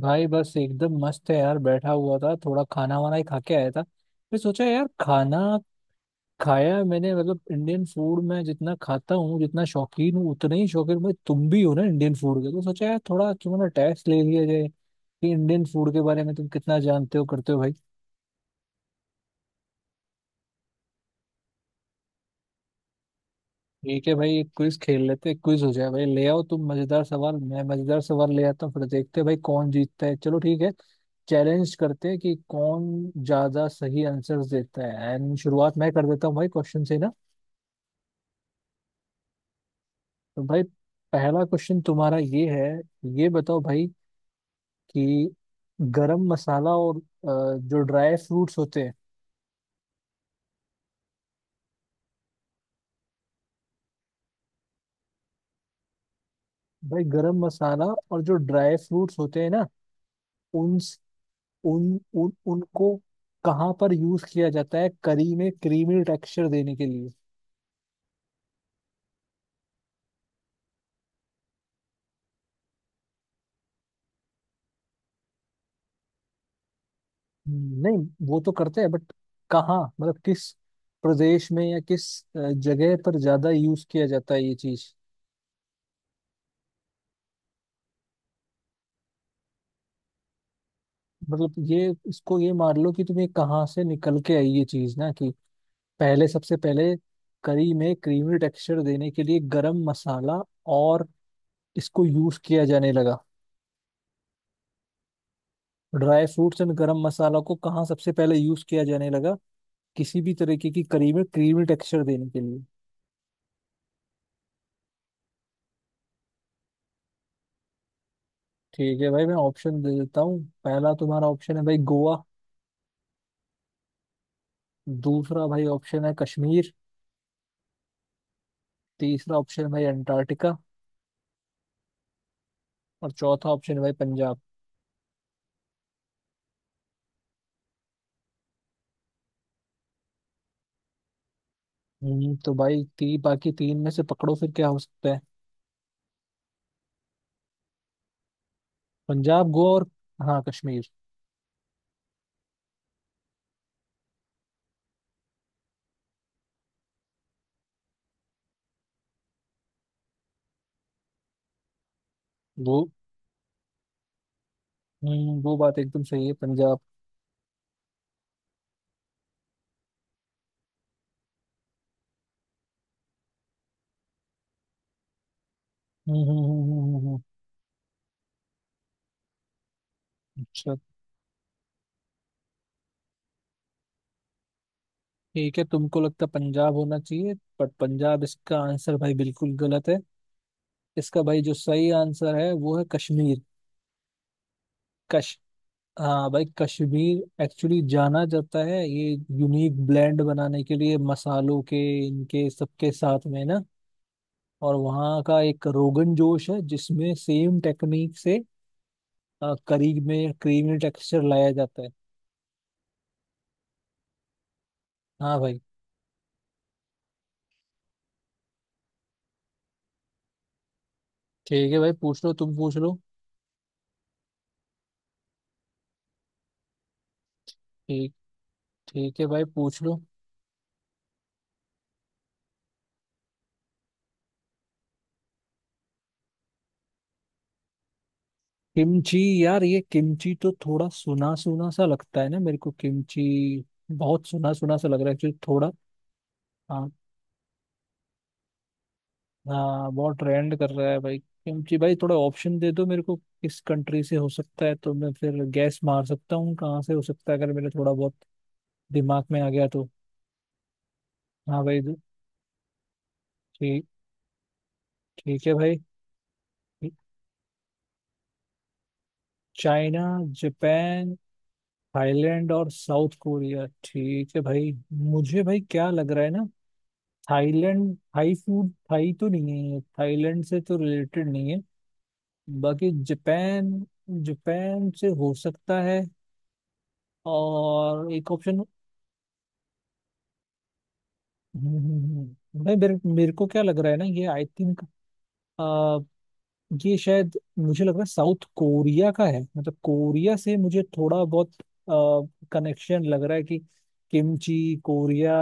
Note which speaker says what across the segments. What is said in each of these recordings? Speaker 1: भाई बस एकदम मस्त है यार। बैठा हुआ था, थोड़ा खाना वाना ही खा के आया था। फिर सोचा यार खाना खाया मैंने। मतलब इंडियन फूड में जितना खाता हूँ, जितना शौकीन हूँ, उतना ही शौकीन भाई तुम भी हो ना इंडियन फूड के, तो सोचा यार थोड़ा क्यों ना टेस्ट ले लिया जाए कि इंडियन फूड के बारे में तुम कितना जानते हो करते हो भाई। ठीक है भाई, एक क्विज खेल लेते हैं। क्विज हो जाए भाई, ले आओ तुम मजेदार सवाल, मैं मजेदार सवाल ले आता हूँ, फिर देखते हैं भाई कौन जीतता है। चलो ठीक है, चैलेंज करते हैं कि कौन ज्यादा सही आंसर्स देता है। एंड शुरुआत मैं कर देता हूँ भाई क्वेश्चन से ना। तो भाई पहला क्वेश्चन तुम्हारा ये है। ये बताओ भाई कि गरम मसाला और जो ड्राई फ्रूट्स होते हैं। भाई गरम मसाला और जो ड्राई फ्रूट्स होते हैं ना, उन उन, उन उनको कहाँ पर यूज किया जाता है करी में क्रीमी टेक्सचर देने के लिए। नहीं, वो तो करते हैं बट कहाँ, मतलब किस प्रदेश में या किस अ, जगह पर ज्यादा यूज किया जाता है ये चीज। मतलब ये इसको ये मान लो कि तुम्हें कहाँ से निकल के आई ये चीज ना कि पहले, सबसे पहले करी में क्रीमी टेक्सचर देने के लिए गरम मसाला और इसको यूज किया जाने लगा। Dry fruits and garam masala को कहाँ सबसे पहले यूज किया जाने लगा किसी भी तरीके की करीब क्रीमी टेक्सचर देने के लिए। ठीक है भाई, मैं ऑप्शन दे देता हूँ। पहला तुम्हारा ऑप्शन है भाई गोवा। दूसरा भाई ऑप्शन है कश्मीर। तीसरा ऑप्शन है भाई अंटार्कटिका। और चौथा ऑप्शन है भाई पंजाब। तो भाई, बाकी तीन में से पकड़ो फिर क्या हो सकता है। पंजाब गोवा और, हाँ कश्मीर। वो, हम्म, वो बात एकदम सही है पंजाब। हम्म हम्म हम्म, हम्म, हम्म, हम्म। अच्छा। ठीक है, तुमको लगता है पंजाब होना चाहिए, बट पंजाब इसका आंसर भाई बिल्कुल गलत है। इसका भाई जो सही आंसर है वो है कश्मीर। कश हाँ भाई, कश्मीर एक्चुअली जाना जाता है ये यूनिक ब्लेंड बनाने के लिए मसालों के, इनके सबके साथ में ना। और वहाँ का एक रोगन जोश है जिसमें सेम टेक्निक से करी में क्रीमी टेक्सचर लाया जाता है। हाँ भाई। ठीक है भाई पूछ लो, तुम पूछ लो। ठीक, ठीक है भाई पूछ लो। किमची? यार ये किमची तो थोड़ा सुना सुना सा लगता है ना मेरे को। किमची बहुत सुना सुना सा लग रहा है एक्चुअली, थोड़ा। हाँ। हाँ बहुत ट्रेंड कर रहा है भाई। क्योंकि भाई थोड़ा ऑप्शन दे दो मेरे को किस कंट्री से हो सकता है, तो मैं फिर गैस मार सकता हूँ कहाँ से हो सकता है, अगर मेरे थोड़ा बहुत दिमाग में आ गया तो। हाँ भाई। ठीक, ठीक है भाई। चाइना, जापान, थाईलैंड और साउथ कोरिया, ठीक है भाई। मुझे भाई क्या लग रहा है ना, थाईलैंड, थाई फूड, थाई तो नहीं है, थाईलैंड से तो रिलेटेड नहीं है। बाकी जापान, जापान से हो सकता है। और एक ऑप्शन, भाई मेरे मेरे को क्या लग रहा है ना, ये आई थिंक ये शायद मुझे लग रहा है साउथ कोरिया का है। मतलब कोरिया से मुझे थोड़ा बहुत कनेक्शन लग रहा है कि किमची कोरिया।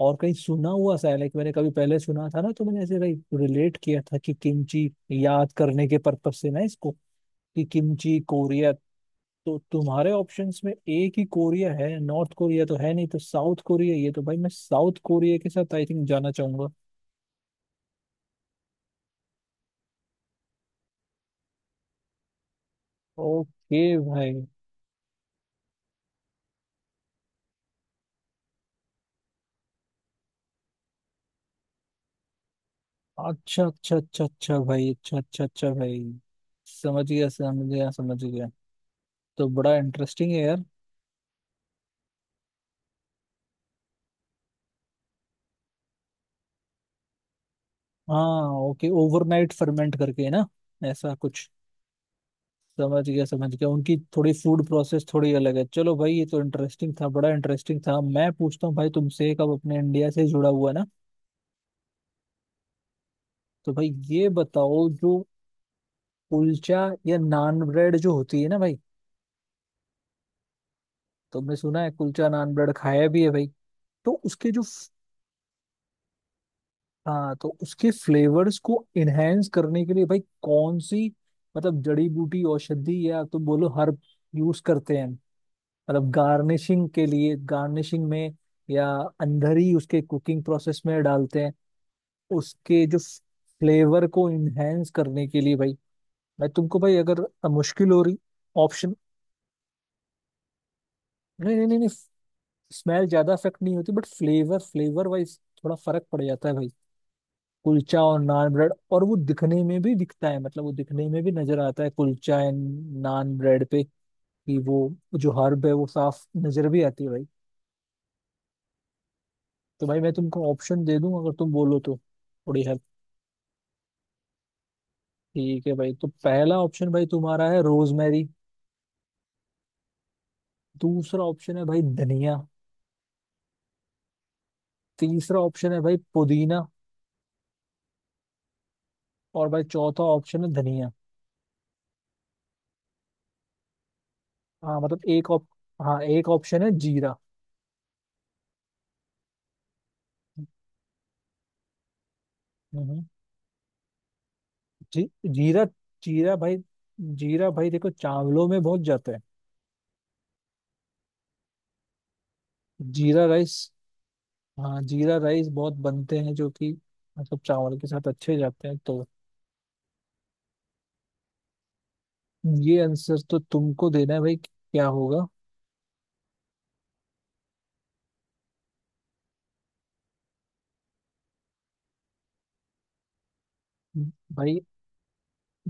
Speaker 1: और कहीं सुना हुआ सा है, लाइक मैंने कभी पहले सुना था ना, तो मैंने ऐसे लाइक रिलेट किया था कि किमची, याद करने के पर्पज से ना इसको, कि किमची कोरिया। तो तुम्हारे ऑप्शंस में एक ही कोरिया है, नॉर्थ कोरिया तो है नहीं, तो साउथ कोरिया, ये तो भाई मैं साउथ कोरिया के साथ आई थिंक जाना चाहूंगा। ओके भाई। अच्छा अच्छा अच्छा अच्छा भाई, अच्छा अच्छा अच्छा भाई, समझ गया समझ गया समझ गया। तो बड़ा इंटरेस्टिंग है यार। हाँ ओके, ओवरनाइट फर्मेंट करके है ना, ऐसा कुछ। समझ गया समझ गया, उनकी थोड़ी फूड प्रोसेस थोड़ी अलग है। चलो भाई, ये तो इंटरेस्टिंग था, बड़ा इंटरेस्टिंग था। मैं पूछता हूँ भाई तुमसे एक, अब अपने इंडिया से जुड़ा हुआ ना। तो भाई ये बताओ, जो कुलचा या नान ब्रेड जो होती है ना भाई, तुमने सुना है, कुलचा नान ब्रेड खाया भी है भाई, तो उसके जो, हाँ तो उसके फ्लेवर्स को इनहेंस करने के लिए भाई कौन सी, मतलब जड़ी बूटी औषधि या तो बोलो हर्ब यूज करते हैं, मतलब गार्निशिंग के लिए, गार्निशिंग में, या अंदर ही उसके कुकिंग प्रोसेस में डालते हैं उसके जो फ्लेवर को इनहेंस करने के लिए भाई। मैं तुमको भाई अगर मुश्किल हो रही ऑप्शन, नहीं नहीं नहीं, नहीं, स्मेल ज्यादा इफेक्ट नहीं होती बट फ्लेवर फ्लेवर वाइज थोड़ा फर्क पड़ जाता है भाई, कुलचा और नान ब्रेड, और वो दिखने में भी दिखता है, मतलब वो दिखने में भी नजर आता है कुलचा एंड नान ब्रेड पे कि वो जो हर्ब है वो साफ नजर भी आती है भाई। तो भाई मैं तुमको ऑप्शन दे दूं अगर तुम बोलो तो थोड़ी हेल्प। ठीक है भाई, तो पहला ऑप्शन भाई तुम्हारा है रोजमेरी। दूसरा ऑप्शन है भाई धनिया। तीसरा ऑप्शन है भाई पुदीना। और भाई चौथा ऑप्शन है धनिया। हाँ मतलब एक ऑप, हाँ एक ऑप्शन है जीरा। हम्म। जी जीरा। जीरा भाई, जीरा भाई देखो चावलों में बहुत जाता है, जीरा राइस। हाँ जीरा राइस बहुत बनते हैं जो कि मतलब चावल के साथ अच्छे जाते हैं, तो ये आंसर तो तुमको देना है भाई क्या होगा। भाई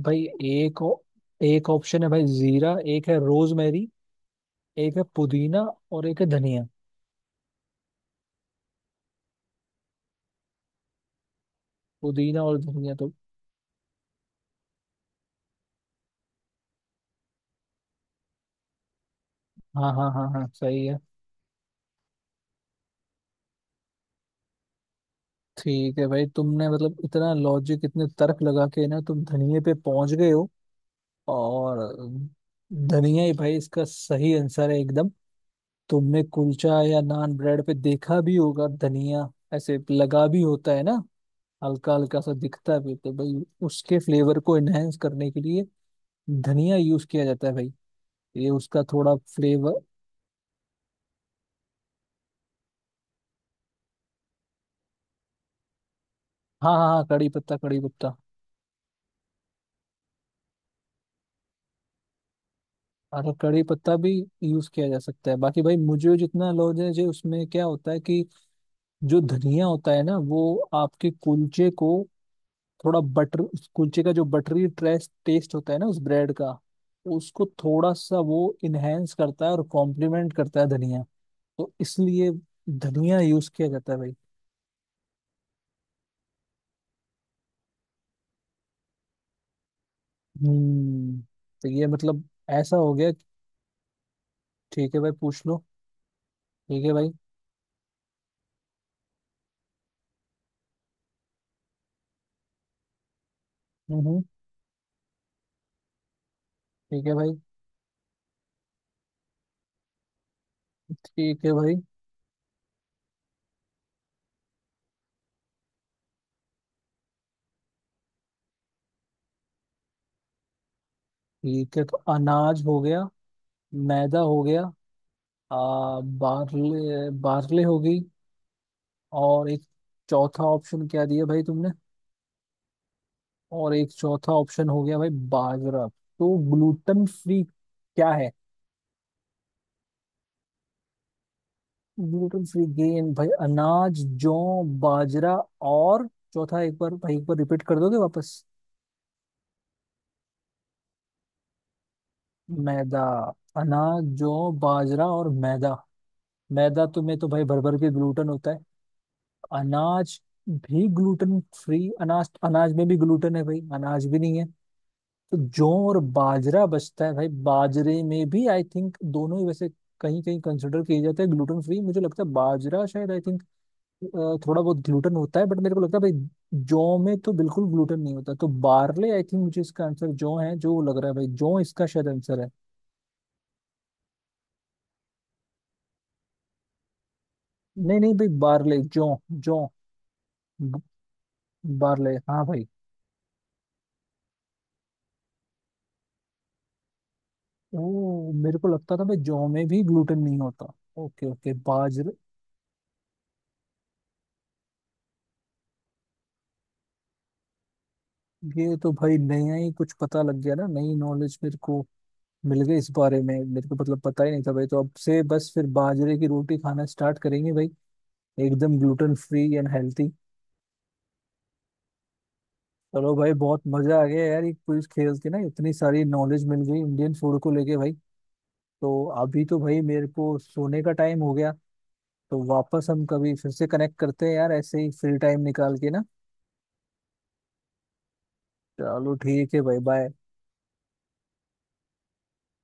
Speaker 1: भाई एक ओ- एक ऑप्शन है भाई जीरा, एक है रोजमेरी, एक है पुदीना, और एक है धनिया। पुदीना और धनिया तो, हाँ हाँ हाँ हाँ सही है। ठीक है भाई, तुमने मतलब इतना लॉजिक, इतने तर्क लगा के ना तुम धनिये पे पहुंच गए हो, और धनिया ही भाई इसका सही आंसर है एकदम। तुमने कुलचा या नान ब्रेड पे देखा भी होगा धनिया, ऐसे लगा भी होता है ना, हल्का हल्का सा दिखता भी, तो भाई उसके फ्लेवर को एनहेंस करने के लिए धनिया यूज किया जाता है भाई। ये उसका थोड़ा फ्लेवर, हाँ हाँ हाँ, कड़ी पत्ता, कड़ी पत्ता और कड़ी पत्ता भी यूज किया जा सकता है। बाकी भाई मुझे जितना नॉलेज है, जो उसमें क्या होता है कि जो धनिया होता है ना, वो आपके कुलचे को थोड़ा बटर, उस कुलचे का जो बटरी ट्रेस टेस्ट होता है ना उस ब्रेड का, उसको थोड़ा सा वो इनहेंस करता है और कॉम्प्लीमेंट करता है धनिया, तो इसलिए धनिया यूज किया जाता है भाई। हम्म। तो ये मतलब ऐसा हो गया कि, ठीक है भाई पूछ लो। ठीक है भाई। हम्म। ठीक है भाई। ठीक है भाई। ठीक है, तो अनाज हो गया, मैदा हो गया, आ, बार्ले, बार्ले हो गई, और एक, चौथा ऑप्शन क्या दिया भाई तुमने, और एक चौथा ऑप्शन हो गया भाई बाजरा। तो ग्लूटन फ्री क्या है? ग्लूटन फ्री गेन भाई अनाज, जौ, बाजरा और, चौथा एक बार भाई एक बार रिपीट कर दोगे वापस। मैदा। अनाज जौ बाजरा और मैदा। मैदा तो में तो भाई भर भर के ग्लूटन होता है। अनाज भी ग्लूटन फ्री, अनाज, अनाज में भी ग्लूटन है भाई, अनाज भी नहीं है। तो जौ और बाजरा बचता है भाई। बाजरे में भी आई थिंक दोनों ही वैसे कहीं कहीं कंसिडर किए जाते हैं ग्लूटेन फ्री। मुझे लगता है बाजरा शायद आई थिंक थोड़ा बहुत ग्लूटेन होता है, बट मेरे को लगता है भाई जौ में तो बिल्कुल ग्लूटेन नहीं होता, तो बार्ले आई थिंक मुझे इसका आंसर जौ है, जो लग रहा है भाई जौ इसका शायद आंसर है। नहीं नहीं भाई बार्ले, जौ, जौ, ब- बार्ले, हाँ भाई। ओ, मेरे को लगता था भाई जौ में भी ग्लूटेन नहीं होता। ओके ओके, बाजरे। ये तो भाई नया ही कुछ पता लग गया ना, नई नॉलेज मेरे को मिल गए इस बारे में। मेरे को मतलब पता ही नहीं था भाई, तो अब से बस फिर बाजरे की रोटी खाना स्टार्ट करेंगे भाई। एकदम ग्लूटेन फ्री एंड हेल्थी। चलो भाई बहुत मजा आ गया यार, ये क्विज खेल के ना, इतनी सारी नॉलेज मिल गई इंडियन फूड को लेके भाई। तो अभी तो भाई मेरे को सोने का टाइम हो गया, तो वापस हम कभी फिर से कनेक्ट करते हैं यार, ऐसे ही फ्री टाइम निकाल के ना। चलो ठीक है भाई, बाय।